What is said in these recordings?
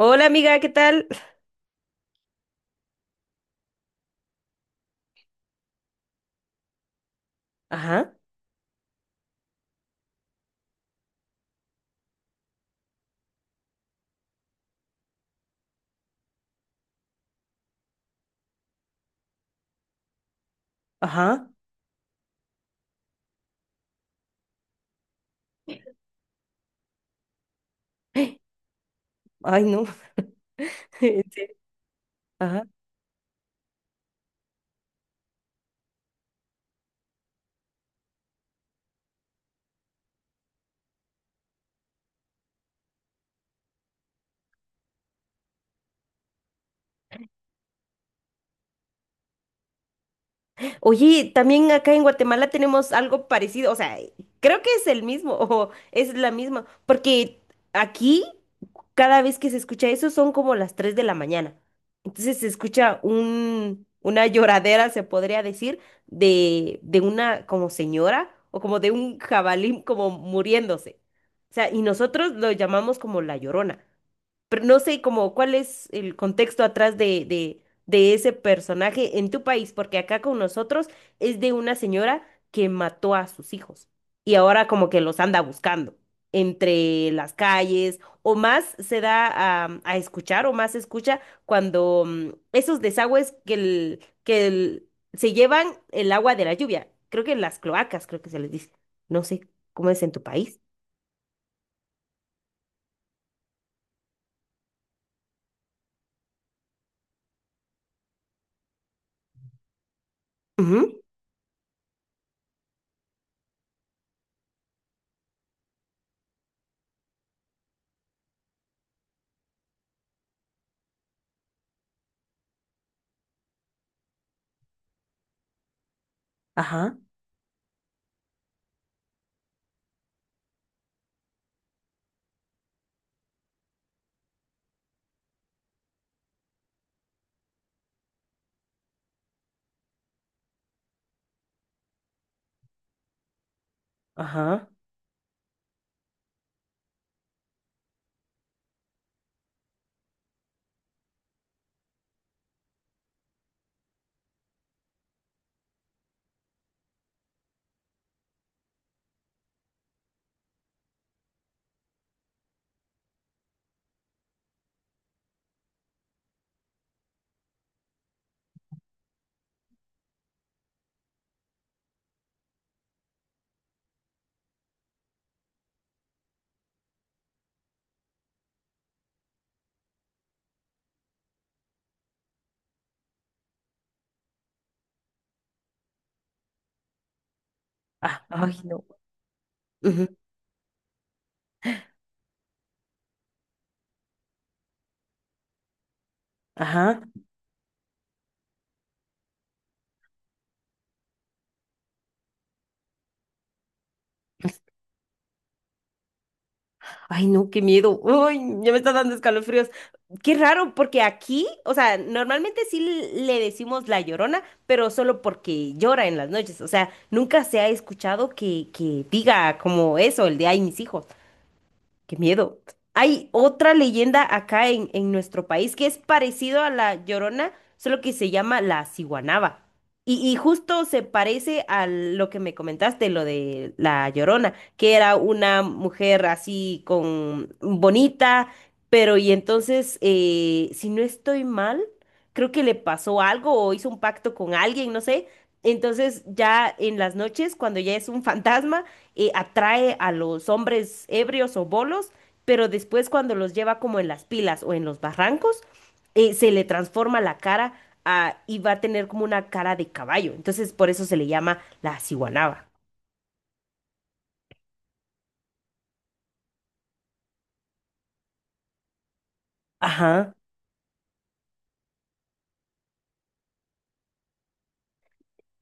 Hola amiga, ¿qué tal? Ajá, ajá, ay no, en serio, ajá. Oye, también acá en Guatemala tenemos algo parecido, o sea, creo que es el mismo, o es la misma, porque aquí cada vez que se escucha eso son como las 3 de la mañana. Entonces se escucha una lloradera, se podría decir, de una como señora o como de un jabalí como muriéndose. O sea, y nosotros lo llamamos como la Llorona. Pero no sé como cuál es el contexto atrás de ese personaje en tu país, porque acá con nosotros es de una señora que mató a sus hijos y ahora como que los anda buscando entre las calles o más se da a escuchar o más se escucha cuando esos desagües que se llevan el agua de la lluvia, creo que las cloacas, creo que se les dice, no sé cómo es en tu país. Ujú. Ajá, ajá. Ah, ay, no. Ajá. Ay, no, qué miedo. Ay, ya me está dando escalofríos. Qué raro, porque aquí, o sea, normalmente sí le decimos la Llorona, pero solo porque llora en las noches. O sea, nunca se ha escuchado que diga como eso, el de ay, mis hijos. Qué miedo. Hay otra leyenda acá en nuestro país que es parecido a la Llorona, solo que se llama la Ciguanaba. Y justo se parece a lo que me comentaste, lo de la Llorona, que era una mujer así con bonita, pero y entonces, si no estoy mal, creo que le pasó algo o hizo un pacto con alguien, no sé, entonces ya en las noches, cuando ya es un fantasma, atrae a los hombres ebrios o bolos, pero después cuando los lleva como en las pilas o en los barrancos, se le transforma la cara y va a tener como una cara de caballo. Entonces por eso se le llama la Ciguanaba. Ajá.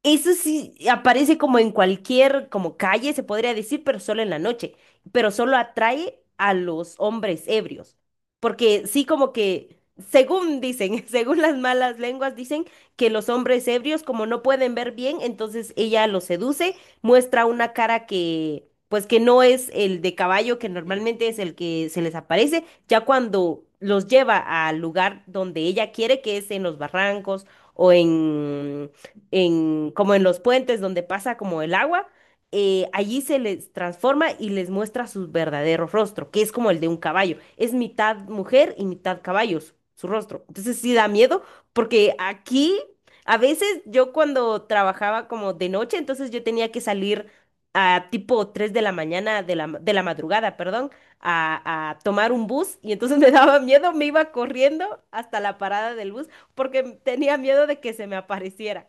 Eso sí aparece como en cualquier, como calle, se podría decir, pero solo en la noche. Pero solo atrae a los hombres ebrios. Porque sí, como que, según dicen, según las malas lenguas, dicen que los hombres ebrios, como no pueden ver bien, entonces ella los seduce, muestra una cara que, pues que no es el de caballo, que normalmente es el que se les aparece, ya cuando los lleva al lugar donde ella quiere, que es en los barrancos o como en los puentes donde pasa como el agua, allí se les transforma y les muestra su verdadero rostro, que es como el de un caballo. Es mitad mujer y mitad caballo su, su rostro. Entonces sí da miedo, porque aquí a veces yo cuando trabajaba como de noche, entonces yo tenía que salir a tipo 3 de la mañana, de la, de la madrugada, perdón, a tomar un bus y entonces me daba miedo, me iba corriendo hasta la parada del bus porque tenía miedo de que se me apareciera.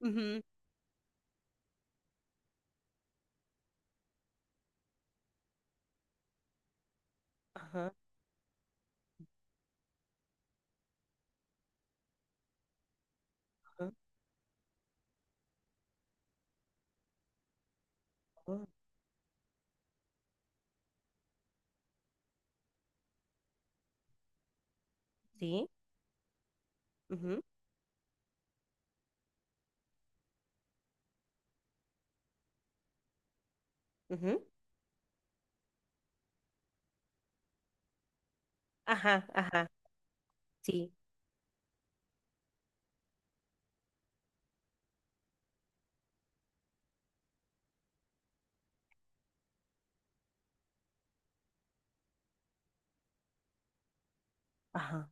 Ujú. Ajá, ajá, ajá, sí, ujú, ujú, ajá, ajá, sí, ajá,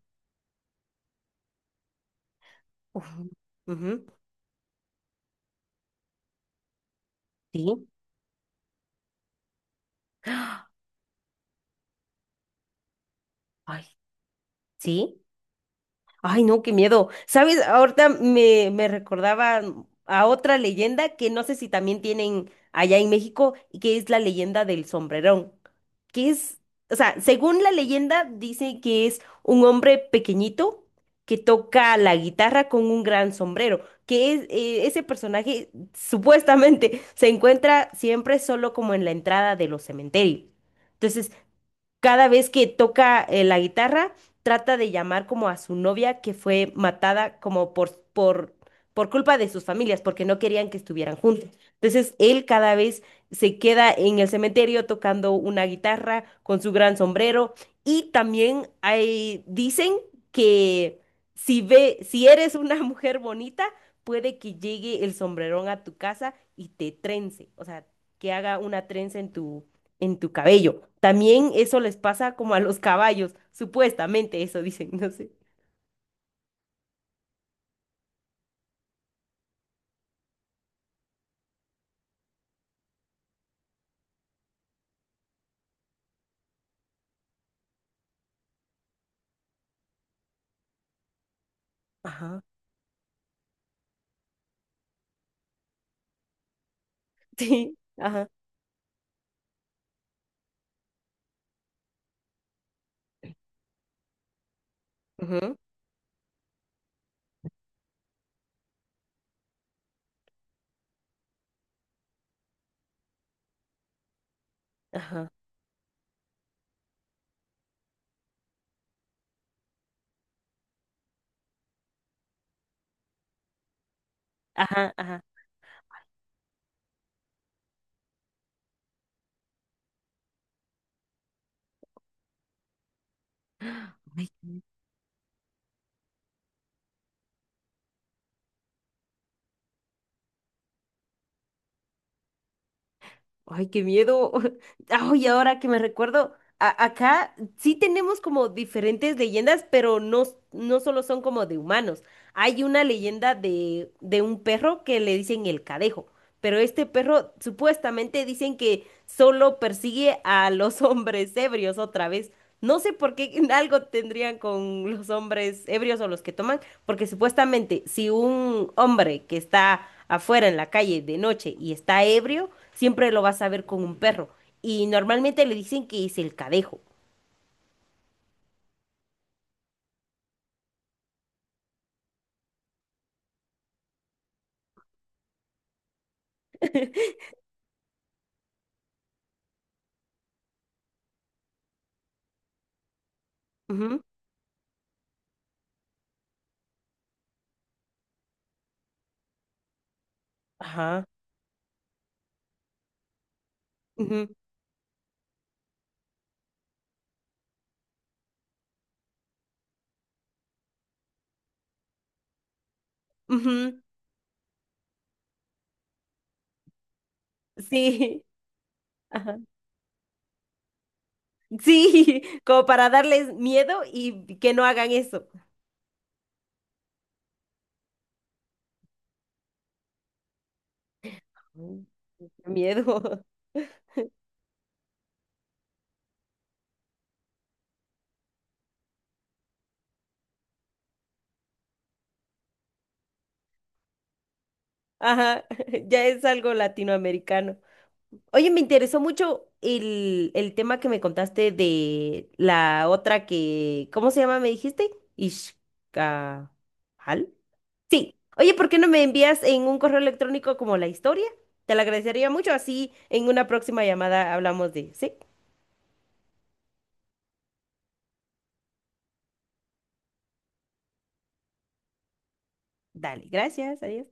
ujú, ujú, sí, ay, sí. Ay, no, qué miedo. ¿Sabes? Ahorita me recordaba a otra leyenda que no sé si también tienen allá en México, y que es la leyenda del Sombrerón. Que es, o sea, según la leyenda, dice que es un hombre pequeñito que toca la guitarra con un gran sombrero. Que es, ese personaje supuestamente se encuentra siempre solo como en la entrada de los cementerios. Entonces cada vez que toca la guitarra, trata de llamar como a su novia que fue matada como por culpa de sus familias, porque no querían que estuvieran juntos. Entonces, él cada vez se queda en el cementerio tocando una guitarra con su gran sombrero. Y también hay, dicen que si ve, si eres una mujer bonita, puede que llegue el Sombrerón a tu casa y te trence, o sea, que haga una trenza en tu cabello. También eso les pasa como a los caballos, supuestamente eso dicen, no sé. Ajá. Sí, ajá. Ujú. Ajá. Ajá, ajá. Ay, qué, ay, qué miedo. Ay, ahora que me recuerdo, acá sí tenemos como diferentes leyendas, pero no, no solo son como de humanos. Hay una leyenda de un perro que le dicen el Cadejo, pero este perro supuestamente dicen que solo persigue a los hombres ebrios otra vez. No sé por qué algo tendrían con los hombres ebrios o los que toman, porque supuestamente si un hombre que está afuera en la calle de noche y está ebrio, siempre lo vas a ver con un perro. Y normalmente le dicen que es el Cadejo. Ujú. Ajá. Ujú, ujú, sí. Ajá. Sí, como para darles miedo y que no hagan eso. Ujú. Qué miedo. Ajá. Ya es algo latinoamericano. Oye, me interesó mucho el tema que me contaste de la otra que, ¿cómo se llama? ¿Me dijiste? Ishkahal. Sí. Oye, ¿por qué no me envías en un correo electrónico como la historia? Te la agradecería mucho. Así en una próxima llamada hablamos de, sí. Dale, gracias, adiós.